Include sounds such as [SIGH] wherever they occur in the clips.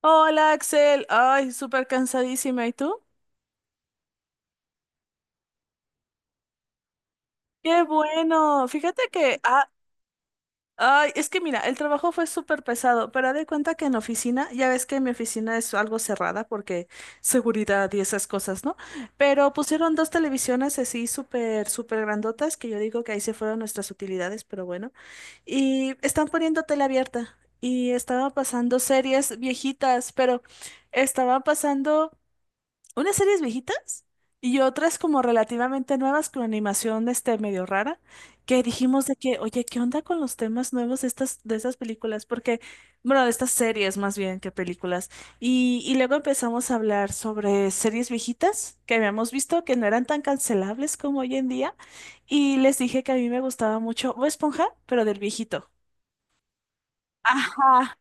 Hola Axel, ay, súper cansadísima. ¿Y tú? Qué bueno. Fíjate que, ay, es que mira, el trabajo fue súper pesado, pero haz de cuenta que en oficina, ya ves que mi oficina es algo cerrada porque seguridad y esas cosas, ¿no? Pero pusieron dos televisiones así súper, súper grandotas, que yo digo que ahí se fueron nuestras utilidades, pero bueno. Y están poniendo tele abierta y estaba pasando series viejitas, pero estaba pasando unas series viejitas y otras como relativamente nuevas con animación este medio rara, que dijimos de que, oye, ¿qué onda con los temas nuevos de estas películas? Porque, bueno, de estas series más bien que películas. Y luego empezamos a hablar sobre series viejitas que habíamos visto que no eran tan cancelables como hoy en día. Y les dije que a mí me gustaba mucho Bob Esponja, pero del viejito. Ajá.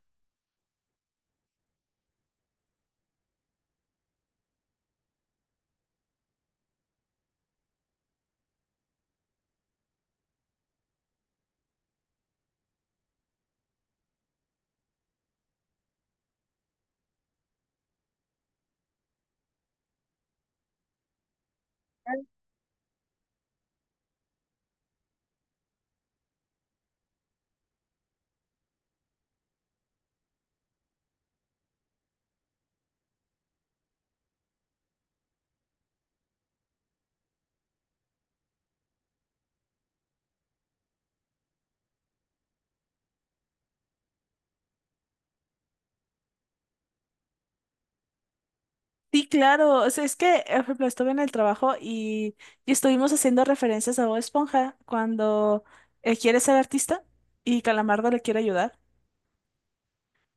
Sí, claro. O sea, es que, por ejemplo, estuve en el trabajo y estuvimos haciendo referencias a Bob Esponja cuando quiere ser artista y Calamardo le quiere ayudar.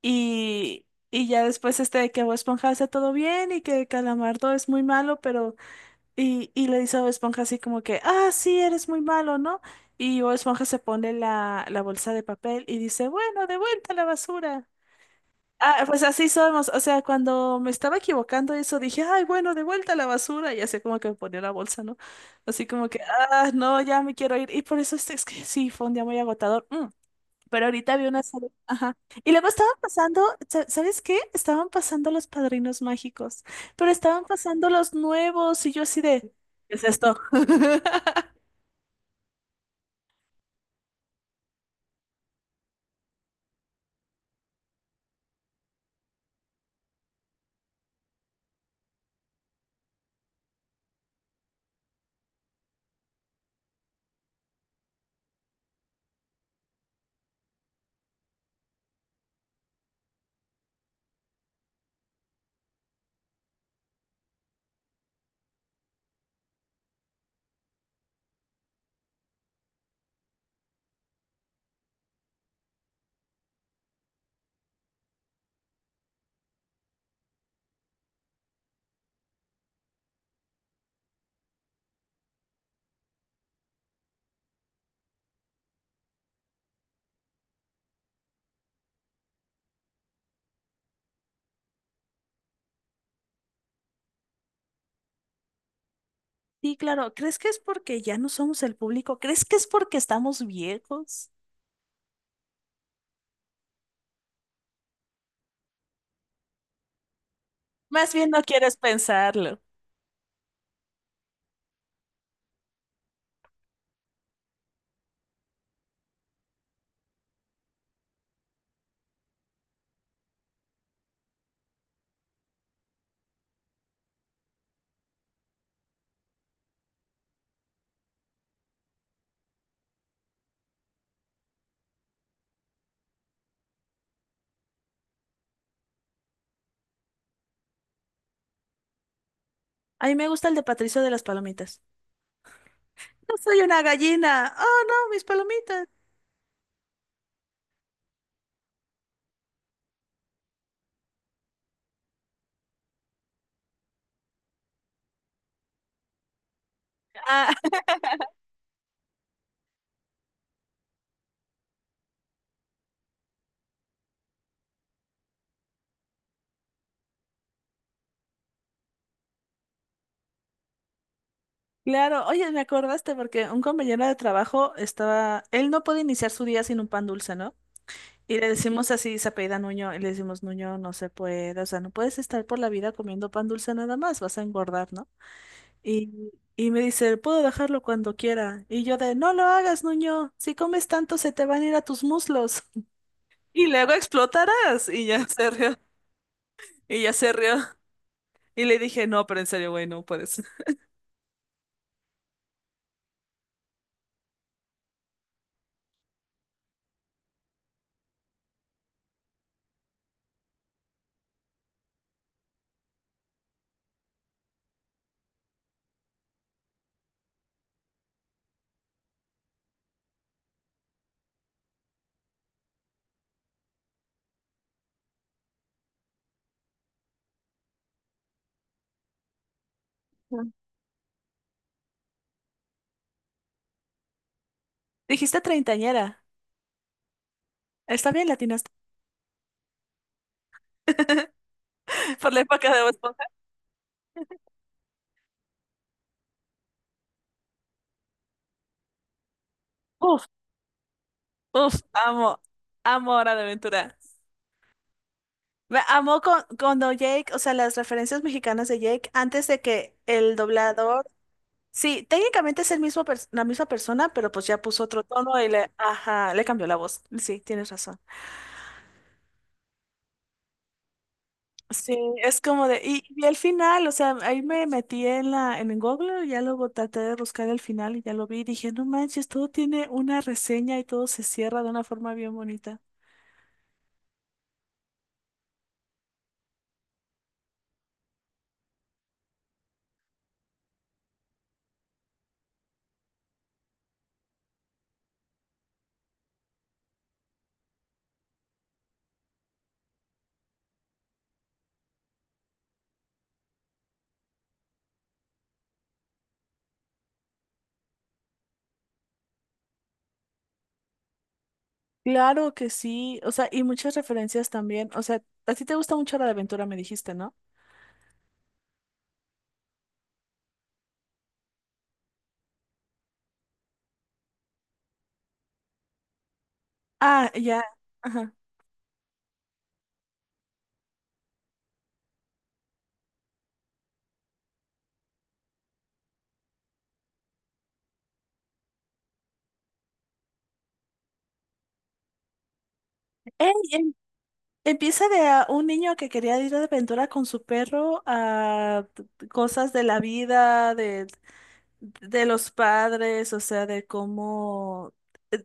Y, y ya después este de que Bob Esponja hace todo bien y que Calamardo es muy malo, pero... Y le dice a Bob Esponja así como que, ah, sí, eres muy malo, ¿no? Y Bob Esponja se pone la bolsa de papel y dice, bueno, de vuelta a la basura. Ah, pues así somos. O sea, cuando me estaba equivocando eso, dije, ay, bueno, de vuelta a la basura. Y así como que me ponía la bolsa, ¿no? Así como que, ah, no, ya me quiero ir. Y por eso este, es que sí, fue un día muy agotador. Pero ahorita vi una serie. Ajá. Y luego estaban pasando, sa- ¿sabes qué? Estaban pasando los padrinos mágicos. Pero estaban pasando los nuevos. Y yo así de, ¿qué es esto? [LAUGHS] Sí, claro. ¿Crees que es porque ya no somos el público? ¿Crees que es porque estamos viejos? Más bien no quieres pensarlo. A mí me gusta el de Patricio de las palomitas. No soy una gallina. Oh, no, mis palomitas. Ah, [LAUGHS] claro. Oye, me acordaste porque un compañero de trabajo estaba, él no puede iniciar su día sin un pan dulce, ¿no? Y le decimos así, se apellida Nuño, y le decimos, Nuño, no se puede, o sea, no puedes estar por la vida comiendo pan dulce nada más, vas a engordar, ¿no? Y me dice, puedo dejarlo cuando quiera. Y yo de, no lo hagas, Nuño, si comes tanto se te van a ir a tus muslos. [LAUGHS] Y luego explotarás. Y ya se rió. Y le dije, no, pero en serio, güey, no puedes. Mm. Dijiste treintañera. Está bien, latinaste. [LAUGHS] Por la época de Bob Esponja. Uf, uf, amo. Amo Hora de Aventura. Me amo con, cuando Jake, o sea, las referencias mexicanas de Jake, antes de que el doblador. Sí, técnicamente es el mismo pers- la misma persona, pero pues ya puso otro tono y le, ajá, le cambió la voz. Sí, tienes razón. Sí, es como de, y al final, o sea, ahí me metí en la, en el Google, ya luego traté de buscar el final y ya lo vi y dije, no manches, todo tiene una reseña y todo se cierra de una forma bien bonita. Claro que sí, o sea, y muchas referencias también, o sea, a ti te gusta mucho la de aventura, me dijiste, ¿no? Ah, ya, ajá. Ey, empieza de a un niño que quería ir de aventura con su perro a t- cosas de la vida, de los padres, o sea,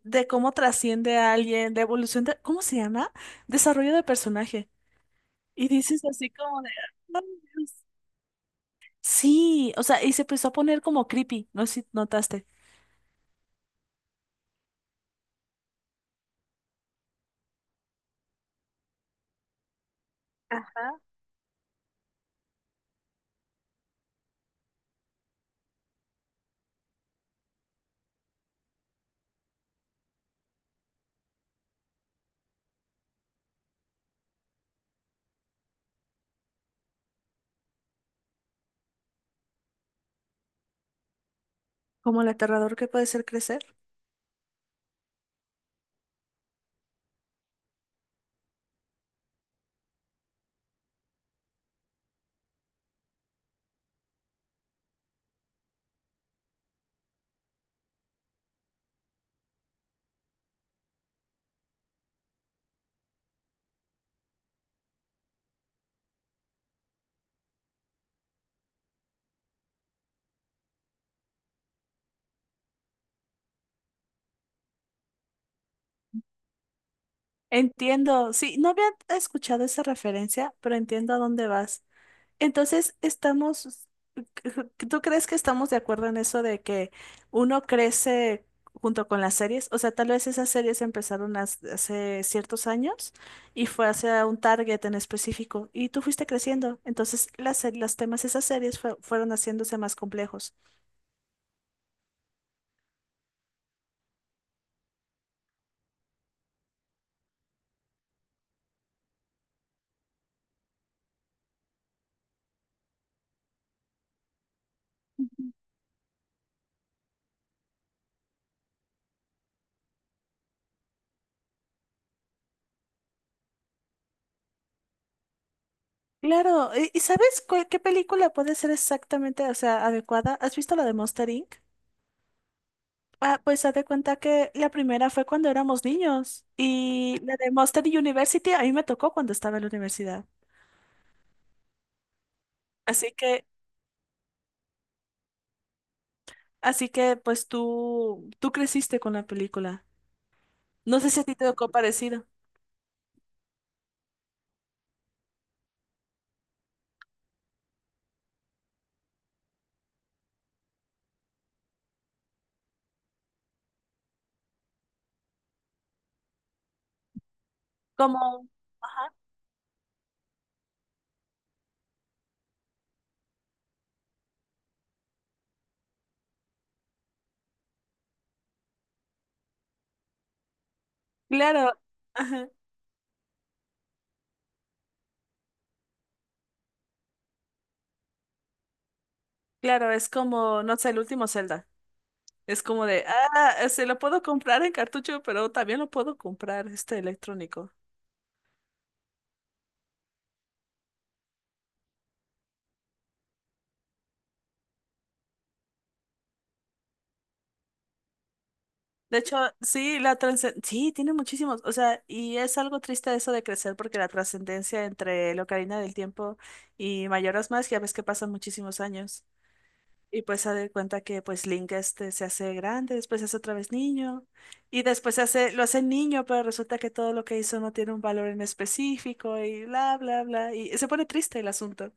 de cómo trasciende a alguien, de evolución de, ¿cómo se llama? Desarrollo de personaje. Y dices así como de, "Ay, Dios". Sí, o sea, y se empezó a poner como creepy, no sé si notaste. Ajá. Como el aterrador que puede ser crecer. Entiendo, sí, no había escuchado esa referencia, pero entiendo a dónde vas. Entonces, estamos, ¿tú crees que estamos de acuerdo en eso de que uno crece junto con las series? O sea, tal vez esas series empezaron has- hace ciertos años y fue hacia un target en específico y tú fuiste creciendo. Entonces, las, se- los temas de esas series fue- fueron haciéndose más complejos. Claro, y sabes cuál- qué película puede ser exactamente, o sea, adecuada? ¿Has visto la de Monster Inc.? Ah, pues haz de cuenta que la primera fue cuando éramos niños y la de Monster University a mí me tocó cuando estaba en la universidad. Así que, así que pues tú creciste con la película. No sé si a ti te tocó parecido. Como, ajá, claro, ajá, claro, es como, no sé, el último Zelda. Es como de, ah, se lo puedo comprar en cartucho, pero también lo puedo comprar este electrónico. De hecho, sí, la trascendencia, sí, tiene muchísimos, o sea, y es algo triste eso de crecer porque la trascendencia entre la Ocarina del Tiempo y Mayoras más ya ves que pasan muchísimos años. Y pues se da cuenta que pues Link este se hace grande, después se hace otra vez niño, y después se hace, lo hace niño, pero resulta que todo lo que hizo no tiene un valor en específico y bla, bla, bla, y se pone triste el asunto.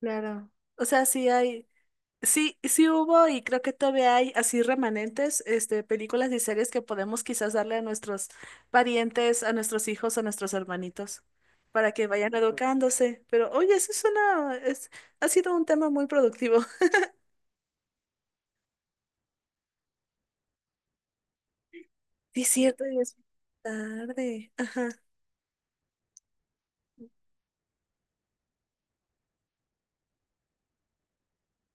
Claro. O sea, sí hay. Sí, sí hubo y creo que todavía hay así remanentes, este, películas y series que podemos quizás darle a nuestros parientes, a nuestros hijos, a nuestros hermanitos, para que vayan educándose. Pero oye, eso es una, es, ha sido un tema muy productivo. [LAUGHS] Sí, es cierto, y es tarde. Ajá.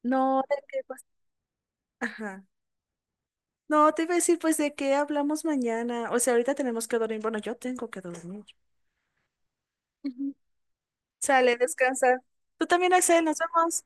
No, de qué pues, ajá. No, te iba a decir, pues, ¿de qué hablamos mañana? O sea, ahorita tenemos que dormir. Bueno, yo tengo que dormir. Ujú. Sale, descansa. Tú también, Axel, nos vemos.